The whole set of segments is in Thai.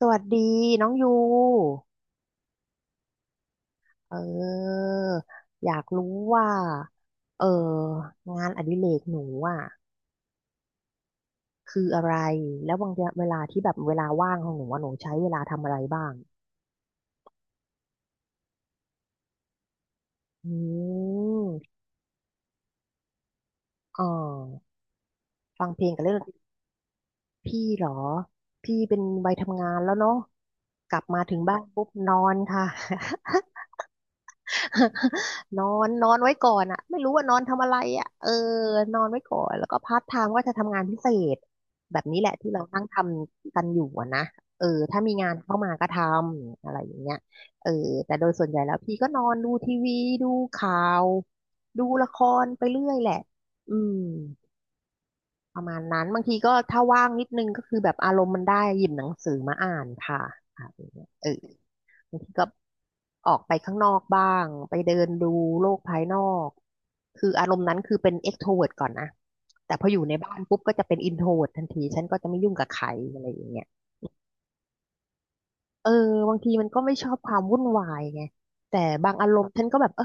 สวัสดีน้องยูออยากรู้ว่าเอองานอดิเรกหนูอ่ะคืออะไรแล้วบางทีเวลาที่แบบเวลาว่างของหนูว่าหนูใช้เวลาทำอะไรบ้างอืมอ๋อฟังเพลงกับเล่นดนตรีพี่เหรอพี่เป็นวัยทำงานแล้วเนาะกลับมาถึงบ้านปุ๊บนอนค่ะ นอนนอนไว้ก่อนอะไม่รู้ว่านอนทำอะไรอะเออนอนไว้ก่อนแล้วก็พาร์ทไทม์ก็จะทำงานพิเศษแบบนี้แหละที่เรานั่งทำกันอยู่อะนะเออถ้ามีงานเข้ามาก็ทำอะไรอย่างเงี้ยเออแต่โดยส่วนใหญ่แล้วพี่ก็นอนดูทีวีดูข่าวดูละครไปเรื่อยแหละอืมประมาณนั้นบางทีก็ถ้าว่างนิดนึงก็คือแบบอารมณ์มันได้หยิบหนังสือมาอ่านค่ะอะไรอย่างเงี้ยเออ บางทีก็ออกไปข้างนอกบ้างไปเดินดูโลกภายนอกคืออารมณ์นั้นคือเป็น e x t r วิ e ์ t ก่อนนะแต่พออยู่ในบ้านปุ๊บก็จะเป็น i n t เวิ e ์ t ทันทีฉันก็จะไม่ยุ่งกับใครอะไรอย่างเงี้ยเออบางทีมันก็ไม่ชอบความวุ่นวายไงแต่บางอารมณ์ฉันก็แบบเออ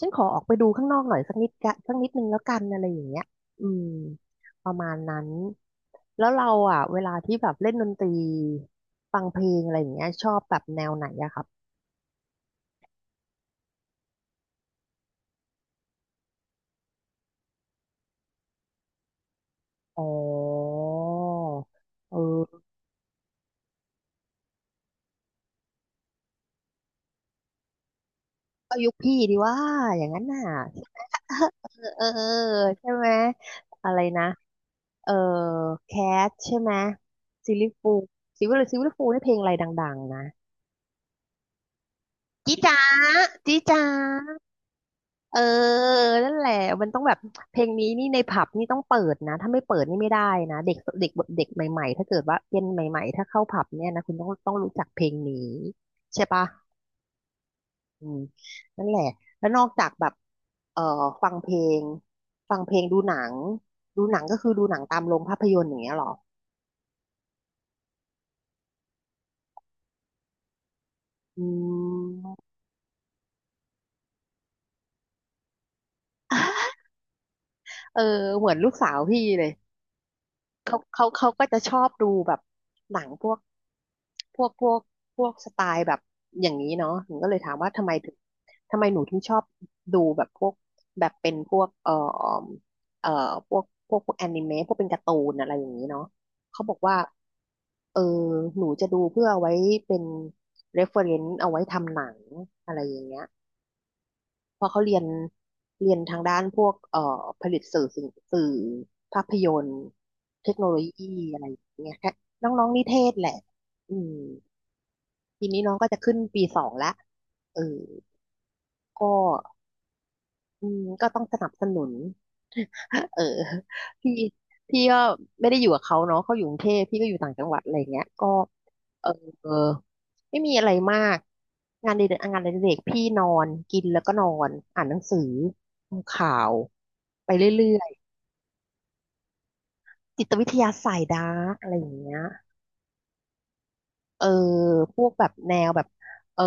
ฉันขอออกไปดูข้างนอกหน่อยสักนิดกะสักนิดนึงแล้วกันอะไรอย่างเงี้ยอืมประมาณนั้นแล้วเราอ่ะเวลาที่แบบเล่นดนตรีฟังเพลงอะไรอย่างเงี้ยชอบแบบแนวไหนอะคะ อ๋อเออก็ยุคพี่ดีว่าอย่างนั้นน่ะ เออใช่ไหมอะไรนะเออแคทใช่ไหมซิลลี่ฟูลซิลลี่ฟูลนี่เพลงอะไรดังๆนะจีจ๋าจีจ๋าเออนั่นแหละมันต้องแบบเพลงนี้นี่ในผับนี่ต้องเปิดนะถ้าไม่เปิดนี่ไม่ได้นะเด็กเด็กเด็กใหม่ๆถ้าเกิดว่าเป็นใหม่ๆถ้าเข้าผับเนี่ยนะคุณต้องรู้จักเพลงนี้ใช่ปะ อืมนั่นแหละ แล้วนอกจากแบบเอ่อฟังเพลง ฟังเพลงดูหนัง ดูหนังก็คือดูหนังตามโรงภาพยนตร์อย่างเงี้ยเหรออืมเออเหมือนลูกสาวพี่เลย เขาก็จะชอบดูแบบหนังพวกพวกสไตล์แบบอย่างนี้เนาะหนูก็เลยถามว่าทำไมถึงทำไมหนูถึงชอบดูแบบพวกแบบเป็นพวกเอ่อพวกแอนิเมะพวกเป็นการ์ตูนอะไรอย่างนี้เนาะเขาบอกว่าเออหนูจะดูเพื่อเอาไว้เป็น reference เอาไว้ทำหนังอะไรอย่างเงี้ย เพราะเขาเรียนเรียนทางด้านพวกผลิตสื่อสิ่งสื่อภาพยนตร์เทคโนโลยีอะไรอย่างเงี้ยแค่น้องๆนิเทศแหละอืมทีนี้น้องก็จะขึ้นปีสองละเออก็ อืมก็ต้องสนับสนุน เออพี่พี่ก็ไม่ได้อยู่กับเขาเนาะเขาอยู่กรุงเทพพี่ก็อยู่ต่างจังหวัดอะไรเงี้ยก็เออไม่มีอะไรมากงานเด็กงานเด็กพี่นอนกินแล้วก็นอนอ่านหนังสือดูข่าว ไปเรื่อยๆ จิตวิทยาสายดาร์กอะไรอย่างเงี้ย เออ พวกแบบแนวแบบเออ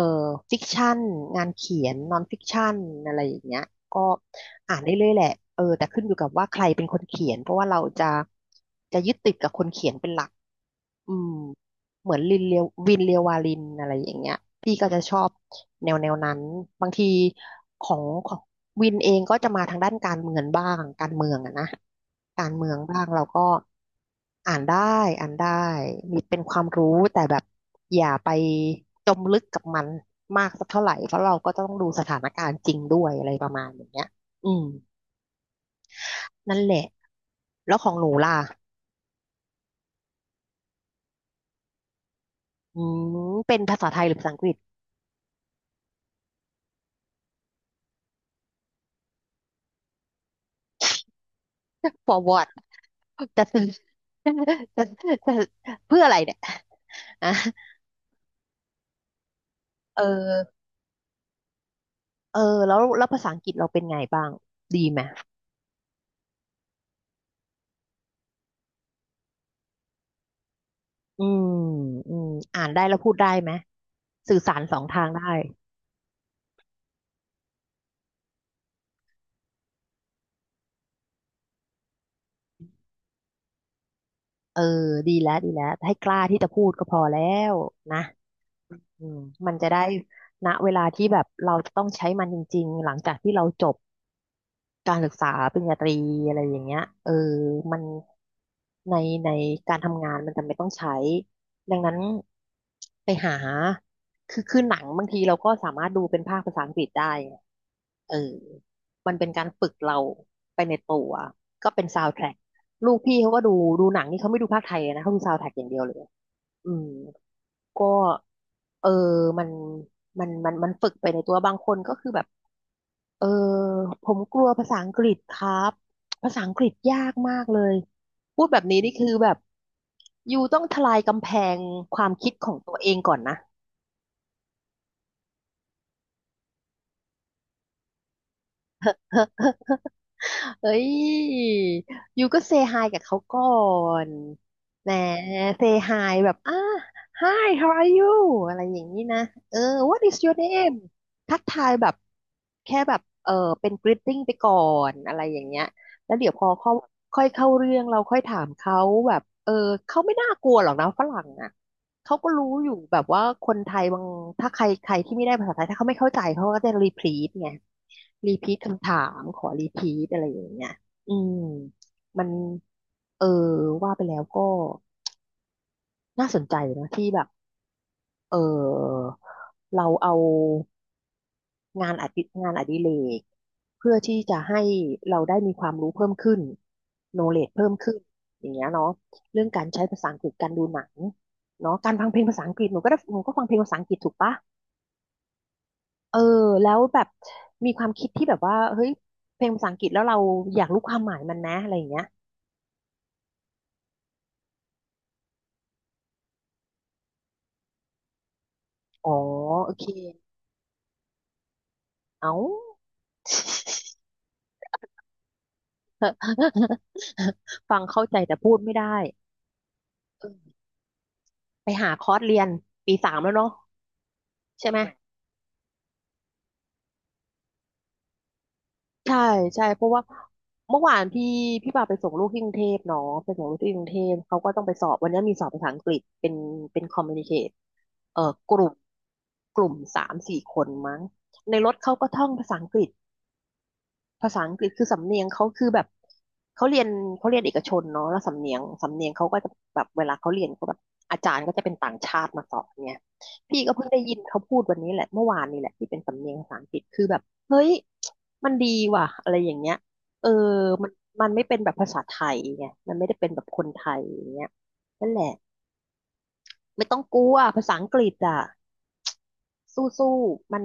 ฟิกชันงานเขียนนอนฟิกชันอะไรอย่างเงี้ยก็อ่านได้เรื่อยแหละเออแต่ขึ้นอยู่กับว่าใครเป็นคนเขียนเพราะว่าเราจะยึดติดกับคนเขียนเป็นหลักอืมเหมือนลินเลียววินเลียววาลินอะไรอย่างเงี้ยพี่ก็จะชอบแนวนั้นบางทีของวินเองก็จะมาทางด้านการเมืองบ้างการเมืองอะนะการเมืองบ้างเราก็ อ่านได้ อ่านได้ มีเป็นความรู้แต่แบบอย่าไปจมลึกกับมันมากสักเท่าไหร่เพราะเราก็ต้องดูสถานการณ์จริงด้วยอะไรประมาณอย่างเงี้ยอืม นั่นแหละ แล้วของหนูล่ะอืมเป็นภาษาไทยหรือภาษาอังกฤษ for what จะ ซื้อจะจะเพื่ออะไรเนี่ยอ่ะเออเออแล้วภาษาอังกฤษเราเป็นไงบ้าง ดีไหมอืมอืมอ่านได้แล้วพูดได้ไหม สื่อสารสองทางได้ เออดีแล้ว ให้กล้าที่จะพูดก็พอแล้วนะอืมมันจะได้ณเวลาที่แบบเราจะต้องใช้มันจริงๆ หลังจากที่เราจบการศึกษาปริญญาตรีอะไรอย่างเงี้ยเออมันในในการทำงานมันจะไม่ต้องใช้ดังนั้นไปหาคือหนังบางทีเราก็สามารถดูเป็นภาคภาษาอังกฤษได้ไงเออมันเป็นการฝึกเราไปในตัวก็เป็นซาวด์แทร็กลูกพี่เขาก็ดูดูหนังนี่เขาไม่ดูภาคไทยนะเขาดูซาวด์แทร็กอย่างเดียวเลย อืมก็เออมันฝึกไปในตัวบางคนก็คือแบบเออผมกลัวภาษาอังกฤษครับ ภาษาอังกฤษยากมากเลย พูดแบบนี้นี่คือแบบอยู่ต้องทลายกำแพงความคิดของตัวเองก่อนนะ เอ้ย ยูก็เซฮายกับเขาก่อนแหมเซฮายแบบHi how are you อะไรอย่างนี้นะเออ what is your name ทักทายแบบแค่แบบเป็น greeting ไปก่อนอะไรอย่างเงี้ยแล้วเดี๋ยวพอเขาค่อยเข้าเรื่องเราค่อยถามเขาแบบเขาไม่น่ากลัวหรอกนะฝรั่งอ่ะ เขาก็รู้อยู่แบบว่าคนไทยบางถ้าใครใครที่ไม่ได้ภาษาไทยถ้าเขาไม่เข้าใจเขาก็จะรีพีทไงรีพีทคำถาม ขอรีพีทอะไรอย่างเงี้ยอืมมันเออว่าไปแล้วก็น่าสนใจนะที่แบบเออเราเอางานอดิเรกเพื่อที่จะให้เราได้มีความรู้เพิ่มขึ้นโนเล e เพิ่มขึ้นอย่างเงี้ยเนาะเรื่องการใช้ภาษาอังกฤษการดูหนังเนาะการฟังเพลงภาษาอังกฤษหนูก็ได้หนูก็ฟังเพลงภาษาอังกฤษถูกปะ เออแล้วแบบมีความคิดที่แบบว่าเฮ้ยเพลงภาษาอังกฤษแล้วเราอยากรู้ความหมายมันนะอะไรอย่างเงี้ยอ๋อโอเคเอา ฟังเข้าใจแต่พูดไม่ได้เออไปหาคอร์สเรียนปีสามแล้วเนาะใช่ไหมใช่ใช่เพราะว่าเมื่อวานพี่ปาไปส่งลูกที่กรุงเทพเนาะไปส่งลูกที่กรุงเทพเขาก็ต้องไปสอบวันนี้มีสอบภาษาอังกฤษเป็นเป็นคอมมูนิเคตเอ่อกลุ่มกลุ่มสามสี่คนมั้งในรถเขาก็ท่องภาษาอังกฤษ ภาษาอังกฤษคือสำเนียงเขาคือแบบเขาเรียนเขาเรียนเอกชนเนาะแล้วสำเนียงเขาก็จะแบบเวลาเขาเรียนก็แบบอาจารย์ก็จะเป็นต่างชาติมาสอนเนี่ยพี่ก็เพิ่งได้ยินเขาพูดวันนี้แหละเมื่อวานนี่แหละที่เป็นสำเนียงภาษาอังกฤษคือแบบเฮ้ยมันดีว่ะอะไรอย่างเงี้ยเออมันมันไม่เป็นแบบภาษาไทยไงมันไม่ได้เป็นแบบคนไทยอย่างเงี้ยนั่นแหละไม่ต้องกลัวภาษาอังกฤษอ่ะสู้ๆมัน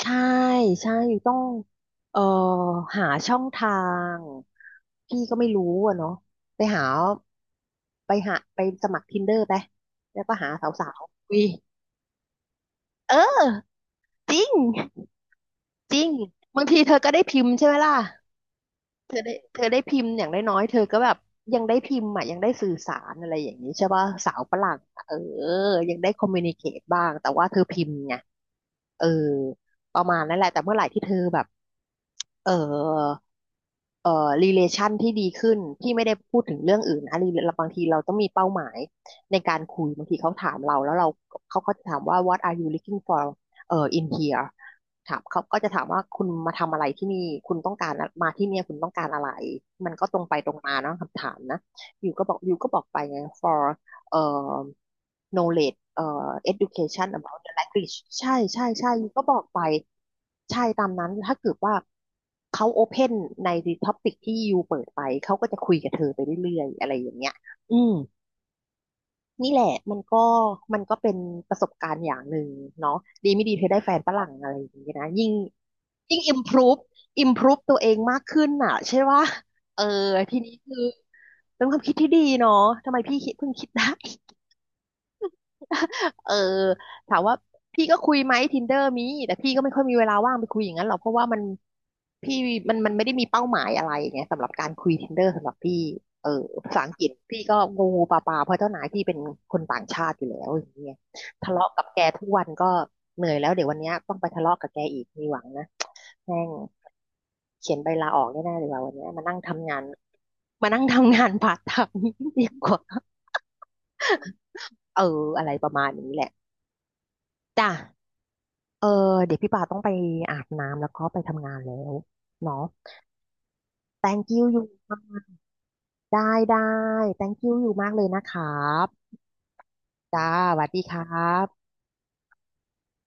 ใช่ใช่ต้องเอ่อหาช่องทางพี่ก็ไม่รู้อะเนาะไปหาไปหาไปสมัคร Tinder ไปแล้วก็หาสาวๆคุยเออจริงจริงบางทีเธอก็ได้พิมพ์ใช่ไหมล่ะ เธอได้พิมพ์อย่างน้อยๆเธอก็แบบยังได้พิมพ์อ่ะยังได้สื่อสารอะไรอย่างนี้ใช่ป่ะสาวฝรั่งอะเออยังได้คอมมิวนิเคตบ้างแต่ว่าเธอพิมพ์ไงเออประมาณนั้นแหละแต่เมื่อไหร่ที่เธอแบบเออเอ่อ relation ที่ดีขึ้นที่ไม่ได้พูดถึงเรื่องอื่นนะ บางทีเราต้องมีเป้าหมายในการคุยบางทีเขาถามเราแล้วเขาก็จะถามว่า what are you looking for in here ถามเขาก็จะถามว่าคุณมาทำอะไรที่นี่ คุณต้องการอะมาที่เนี่ยคุณต้องการอะไร มันก็ตรงไปตรงมาเนาะคำถามนะอยู่ก็บอกไปไง for เอ่อ knowledge education about the language ใช่ใช่ใช่อยู่ก็บอกไป ใช่ตามนั้นถ้าเกิดว่าเขาโอเพนใน topic ที่อยู่เปิดไป เขาก็จะคุยกับเธอไปเรื่อยๆ อะไรอย่างเงี้ยอืม นี่แหละมันก็มันก็เป็นประสบการณ์อย่างหนึ่งเนาะดีไม่ดีเธอได้แฟนฝรั่งอะไรอย่างนี้ยนะยิ่ง improve improve ตัวเองมากขึ้นอ่ะใช่ว่าเออทีนี้คือเป็นความคิดที่ดีเนาะทำไมพี่เพิ่งคิดได้ เออถามว่าพี่ก็คุยไหม Tinder มีแต่พี่ก็ไม่ค่อยมีเวลาว่างไปคุยอย่างนั้นหรอกเพราะว่ามันพี่มันไม่ได้มีเป้าหมายอะไรไงสำหรับการคุย Tinder สำหรับพี่เออภาษาอังกฤษพี่ก็งูปลาเพราะเจ้านายพี่เป็นคนต่างชาติอยู่แล้วอย่างเงี้ยทะเลาะกับแกทุกวันก็เหนื่อยแล้วเดี๋ยววันเนี้ยต้องไปทะเลาะกับแกอีกมีหวังนะแม่งเขียนใบลาออกแน่ๆเลยว่าวันเนี้ยมานั่งทำงานพาร์ทไทม์ดีกว่าเอออะไรประมาณนี้แหละจ้ะ เออเดี๋ยวพี่ป่าต้องไปอาบน้ำแล้วก็ไปทำงานแล้วเนาะ thank you อยู่มากได้ได้ thank you อยู่มากเลยนะครับจ้าสวัสดีครับ